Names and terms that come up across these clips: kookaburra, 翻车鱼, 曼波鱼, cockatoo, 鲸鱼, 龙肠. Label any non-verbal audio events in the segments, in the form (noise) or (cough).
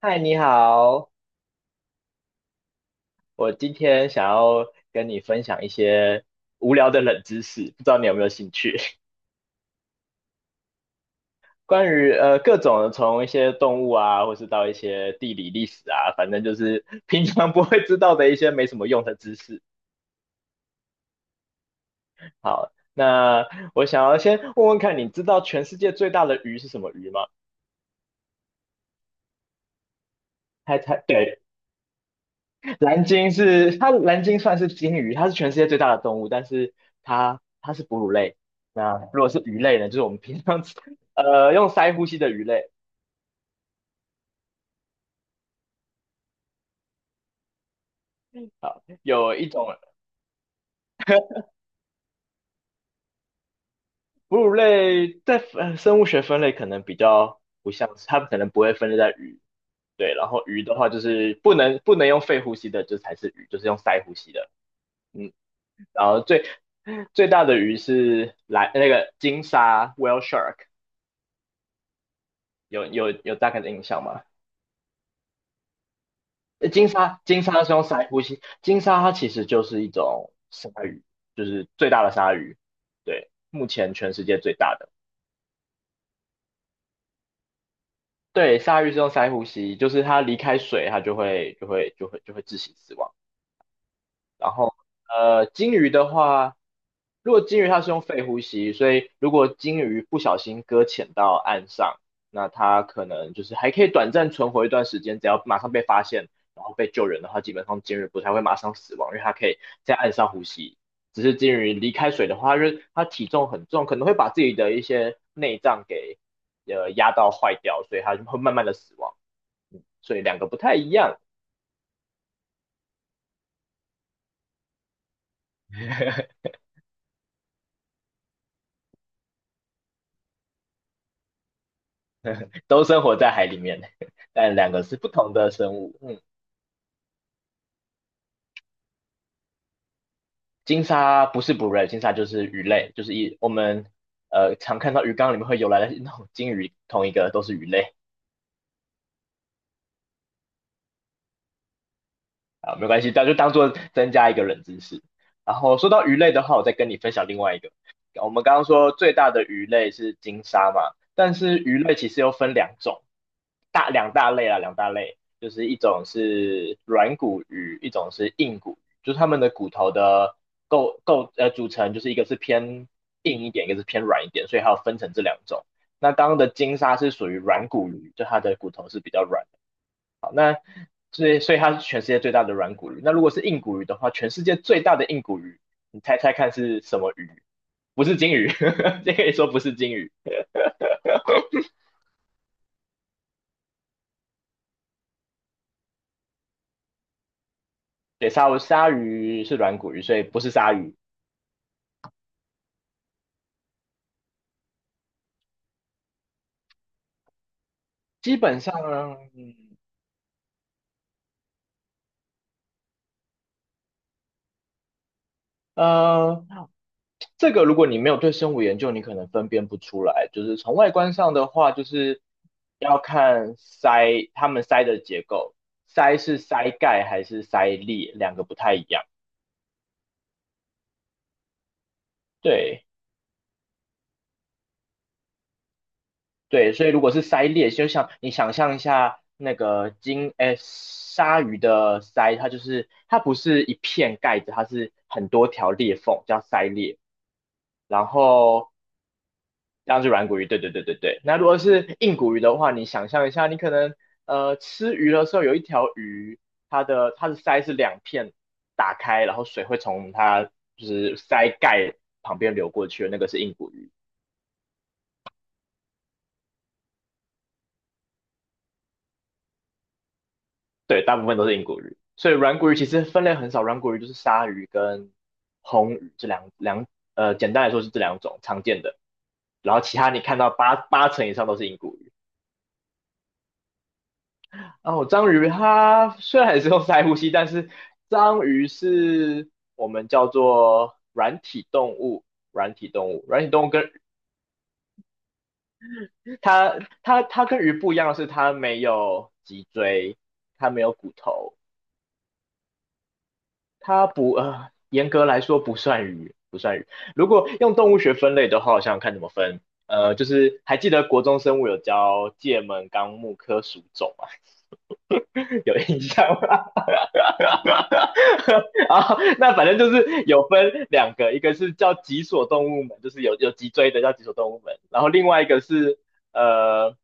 嗨，你好，我今天想要跟你分享一些无聊的冷知识，不知道你有没有兴趣？(laughs) 关于各种的从一些动物啊，或是到一些地理历史啊，反正就是 (laughs) 平常不会知道的一些没什么用的知识。好，那我想要先问问看，你知道全世界最大的鱼是什么鱼吗？猜猜，对，蓝鲸是它，蓝鲸算是鲸鱼，它是全世界最大的动物，但是它是哺乳类。那如果是鱼类呢，就是我们平常吃用鳃呼吸的鱼类。好，有一种哺乳类在生物学分类可能比较不像是，它可能不会分类在鱼。对，然后鱼的话就是不能用肺呼吸的，就才是鱼，就是用鳃呼吸的。嗯，然后最大的鱼是蓝那个鲸鲨 whale shark,有大概的印象吗？金鲨，金鲨是用鳃呼吸，金鲨它其实就是一种鲨鱼，就是最大的鲨鱼，对，目前全世界最大的。对，鲨鱼是用鳃呼吸，就是它离开水，它就会窒息死亡。然后鲸鱼的话，如果鲸鱼它是用肺呼吸，所以如果鲸鱼不小心搁浅到岸上，那它可能就是还可以短暂存活一段时间，只要马上被发现，然后被救人的话，基本上鲸鱼不太会马上死亡，因为它可以在岸上呼吸。只是鲸鱼离开水的话，因为它体重很重，可能会把自己的一些内脏给压到坏掉，所以它就会慢慢的死亡。所以两个不太一样。(laughs) 都生活在海里面，(laughs) 但两个是不同的生物。嗯，鲸鲨不是哺乳类，鲸鲨就是鱼类，就是我们常看到鱼缸里面会游来的那种鲸鱼，同一个都是鱼类。啊，没关系，那就当做增加一个冷知识。然后说到鱼类的话，我再跟你分享另外一个。我们刚刚说最大的鱼类是鲸鲨嘛，但是鱼类其实又分两种，大两大类啊，两大类，就是一种是软骨鱼，一种是硬骨鱼，就是它们的骨头的构构呃组成，就是一个是偏硬一点，一个是偏软一点，所以还要分成这两种。那刚刚的鲸鲨是属于软骨鱼，就它的骨头是比较软，所以它是全世界最大的软骨鱼。那如果是硬骨鱼的话，全世界最大的硬骨鱼，你猜猜看是什么鱼？不是金鱼，(laughs) 这可以说不是金鱼。(laughs) 对，鲨鱼是软骨鱼，所以不是鲨鱼。基本上，嗯呃，这个如果你没有对生物研究，你可能分辨不出来。就是从外观上的话，就是要看鳃，它们鳃的结构，鳃是鳃盖还是鳃裂，两个不太一样。对，对，所以如果是鳃裂，就像你想象一下那个鲨鱼的鳃，它就是它不是一片盖子，它是很多条裂缝，叫鳃裂。然后这样是软骨鱼，对对对对对。那如果是硬骨鱼的话，你想象一下，你可能吃鱼的时候有一条鱼，它的鳃是两片打开，然后水会从它就是鳃盖旁边流过去的那个是硬骨鱼。对，大部分都是硬骨鱼，所以软骨鱼其实分类很少，软骨鱼就是鲨鱼跟红鱼这两简单来说是这两种常见的，然后其他你看到八成以上都是硬骨鱼。然后章鱼它虽然也是用鳃呼吸，但是章鱼是我们叫做软体动物，跟它它跟鱼不一样的是它没有脊椎，它没有骨头，它不呃，严格来说不算鱼，不算鱼。如果用动物学分类的话，我想想看怎么分。就是还记得国中生物有教界门纲目科属种吗？(laughs) 有印象吗？(laughs) 啊，那反正就是有分两个，一个是叫脊索动物门，就是有脊椎的叫脊索动物门，然后另外一个是呃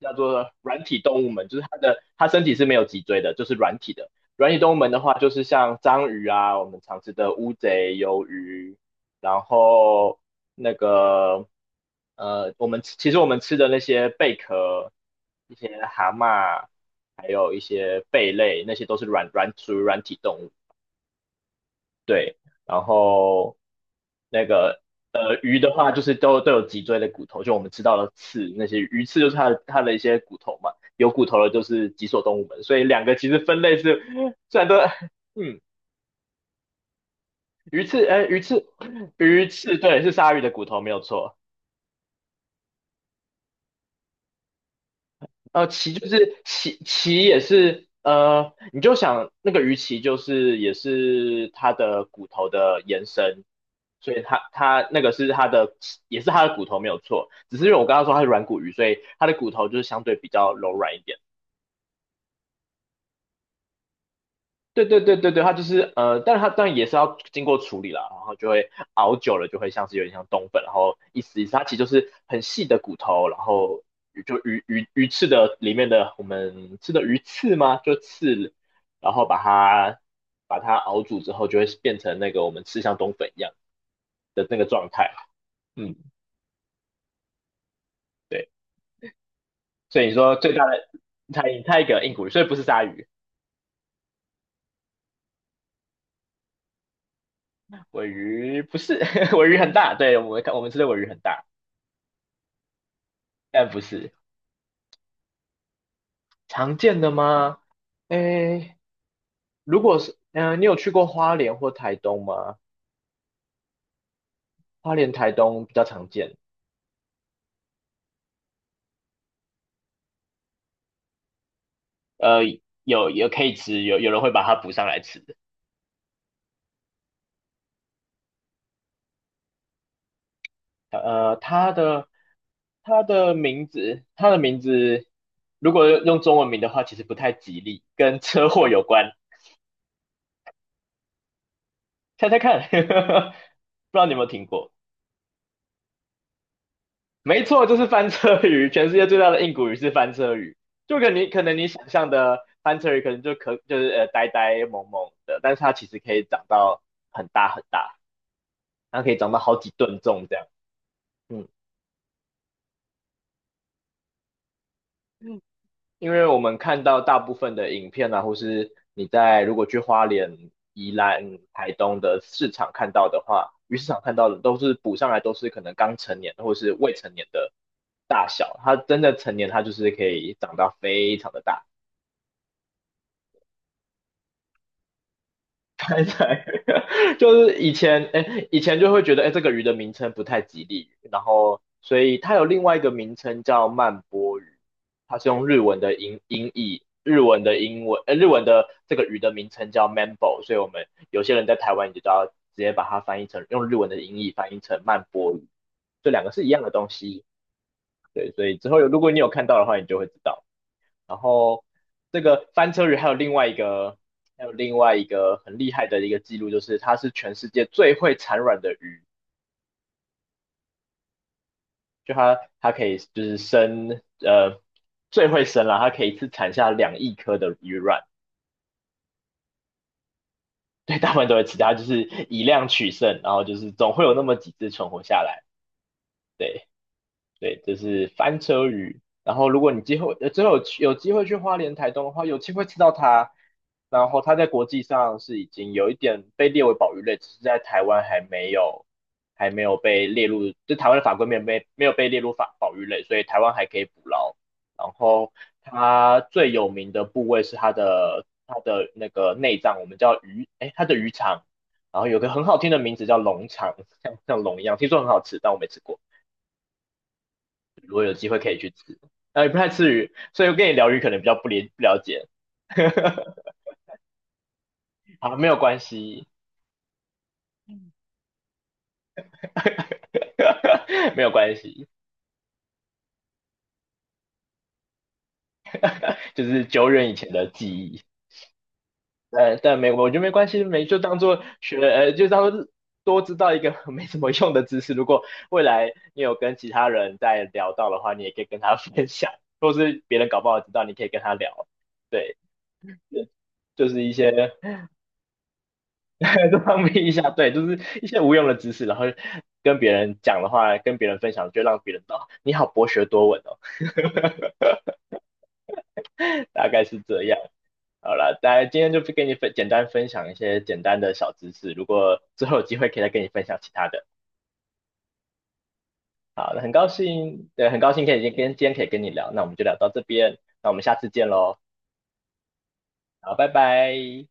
叫做软体动物门，就是它身体是没有脊椎的，就是软体的。软体动物门的话，就是像章鱼啊，我们常吃的乌贼、鱿鱼，然后那个我们吃的那些贝壳、一些蛤蟆。还有一些贝类，那些都是软软属于软体动物。对，然后那个鱼的话，就是都有脊椎的骨头，就我们吃到的刺，那些鱼刺就是它的一些骨头嘛，有骨头的就是脊索动物门，所以两个其实分类是虽然都 (laughs) 嗯鱼刺，哎鱼刺对是鲨鱼的骨头没有错。鳍就是鳍，鳍也是你就想那个鱼鳍就是也是它的骨头的延伸，所以它那个是也是它的骨头没有错，只是因为我刚刚说它是软骨鱼，所以它的骨头就是相对比较柔软一点。对对对对对，它就是但是它当然也是要经过处理啦，然后就会熬久了就会像是有点像冬粉，然后一丝一丝，它其实就是很细的骨头，然后就鱼翅的里面的我们吃的鱼刺吗？就刺，然后把它熬煮之后，就会变成那个我们吃像冬粉一样的那个状态。嗯，对，所以你说最大的它一个硬骨鱼，所以不是鲨鱼，尾鱼不是，(laughs) 尾鱼很大，对我们吃的尾鱼很大，但不是。常见的吗？诶，如果是，嗯、你有去过花莲或台东吗？花莲、台东比较常见。呃，有可以吃，有人会把它补上来吃的。呃，它的它的名字，如果用中文名的话，其实不太吉利，跟车祸有关。猜猜看，(laughs) 不知道你有没有听过？没错，就是翻车鱼，全世界最大的硬骨鱼是翻车鱼，就跟你可能你想象的翻车鱼可能就是呆呆萌萌的，但是它其实可以长到很大很大，它可以长到好几吨重这样。嗯嗯，因为我们看到大部分的影片啊，或是你在如果去花莲、宜兰、台东的市场看到的话，鱼市场看到的都是捕上来都是可能刚成年或是未成年的大小，它真的成年它就是可以长到非常的大。猜猜，(laughs) 就是以前，哎，以前就会觉得，哎，这个鱼的名称不太吉利，然后所以它有另外一个名称叫曼波鱼，它是用日文的译，日文的英文，日文的这个鱼的名称叫 mambo 所以我们有些人在台湾你就道，直接把它翻译成用日文的音译翻译成曼波鱼，这两个是一样的东西，对，所以之后有如果你有看到的话，你就会知道。然后这个翻车鱼还有另外一个很厉害的一个记录，就是它是全世界最会产卵的鱼，就它可以就是生呃最会生了，它可以一次产下2亿颗的鱼卵，对，大部分都会吃，它就是以量取胜，然后就是总会有那么几只存活下来，对。对，这是翻车鱼。然后，如果你之后有机会去花莲、台东的话，有机会吃到它。然后，它在国际上是已经有一点被列为保育类，只是在台湾还没有被列入，就台湾的法规没有被列入法保育类，所以台湾还可以捕捞。然后，它最有名的部位是它的那个内脏，我们叫它的鱼肠。然后有个很好听的名字叫龙肠，(laughs) 像龙一样，听说很好吃，但我没吃过。如果有机会可以去吃。也不太吃鱼，所以我跟你聊鱼可能比较不理不了解。(laughs) 好，没有关系，(laughs) 没有关系，就是久远以前的记忆。呃，但没，我觉得没关系，没就当做学，呃，就当做多知道一个 (laughs) 没什么用的知识。如果未来你有跟其他人在聊到的话，你也可以跟他分享，或是别人搞不好知道，你可以跟他聊。对，就是一些 (laughs) 多方面一下，对，就是一些无用的知识，然后跟别人讲的话，跟别人分享，就让别人知道你好博学多闻哦，(laughs) 大概是这样。好了，大家今天就不跟你简单分享一些简单的小知识，如果之后有机会可以再跟你分享其他的。好，那很高兴，对，很高兴可以今天可以跟你聊，那我们就聊到这边，那我们下次见喽，好，拜拜。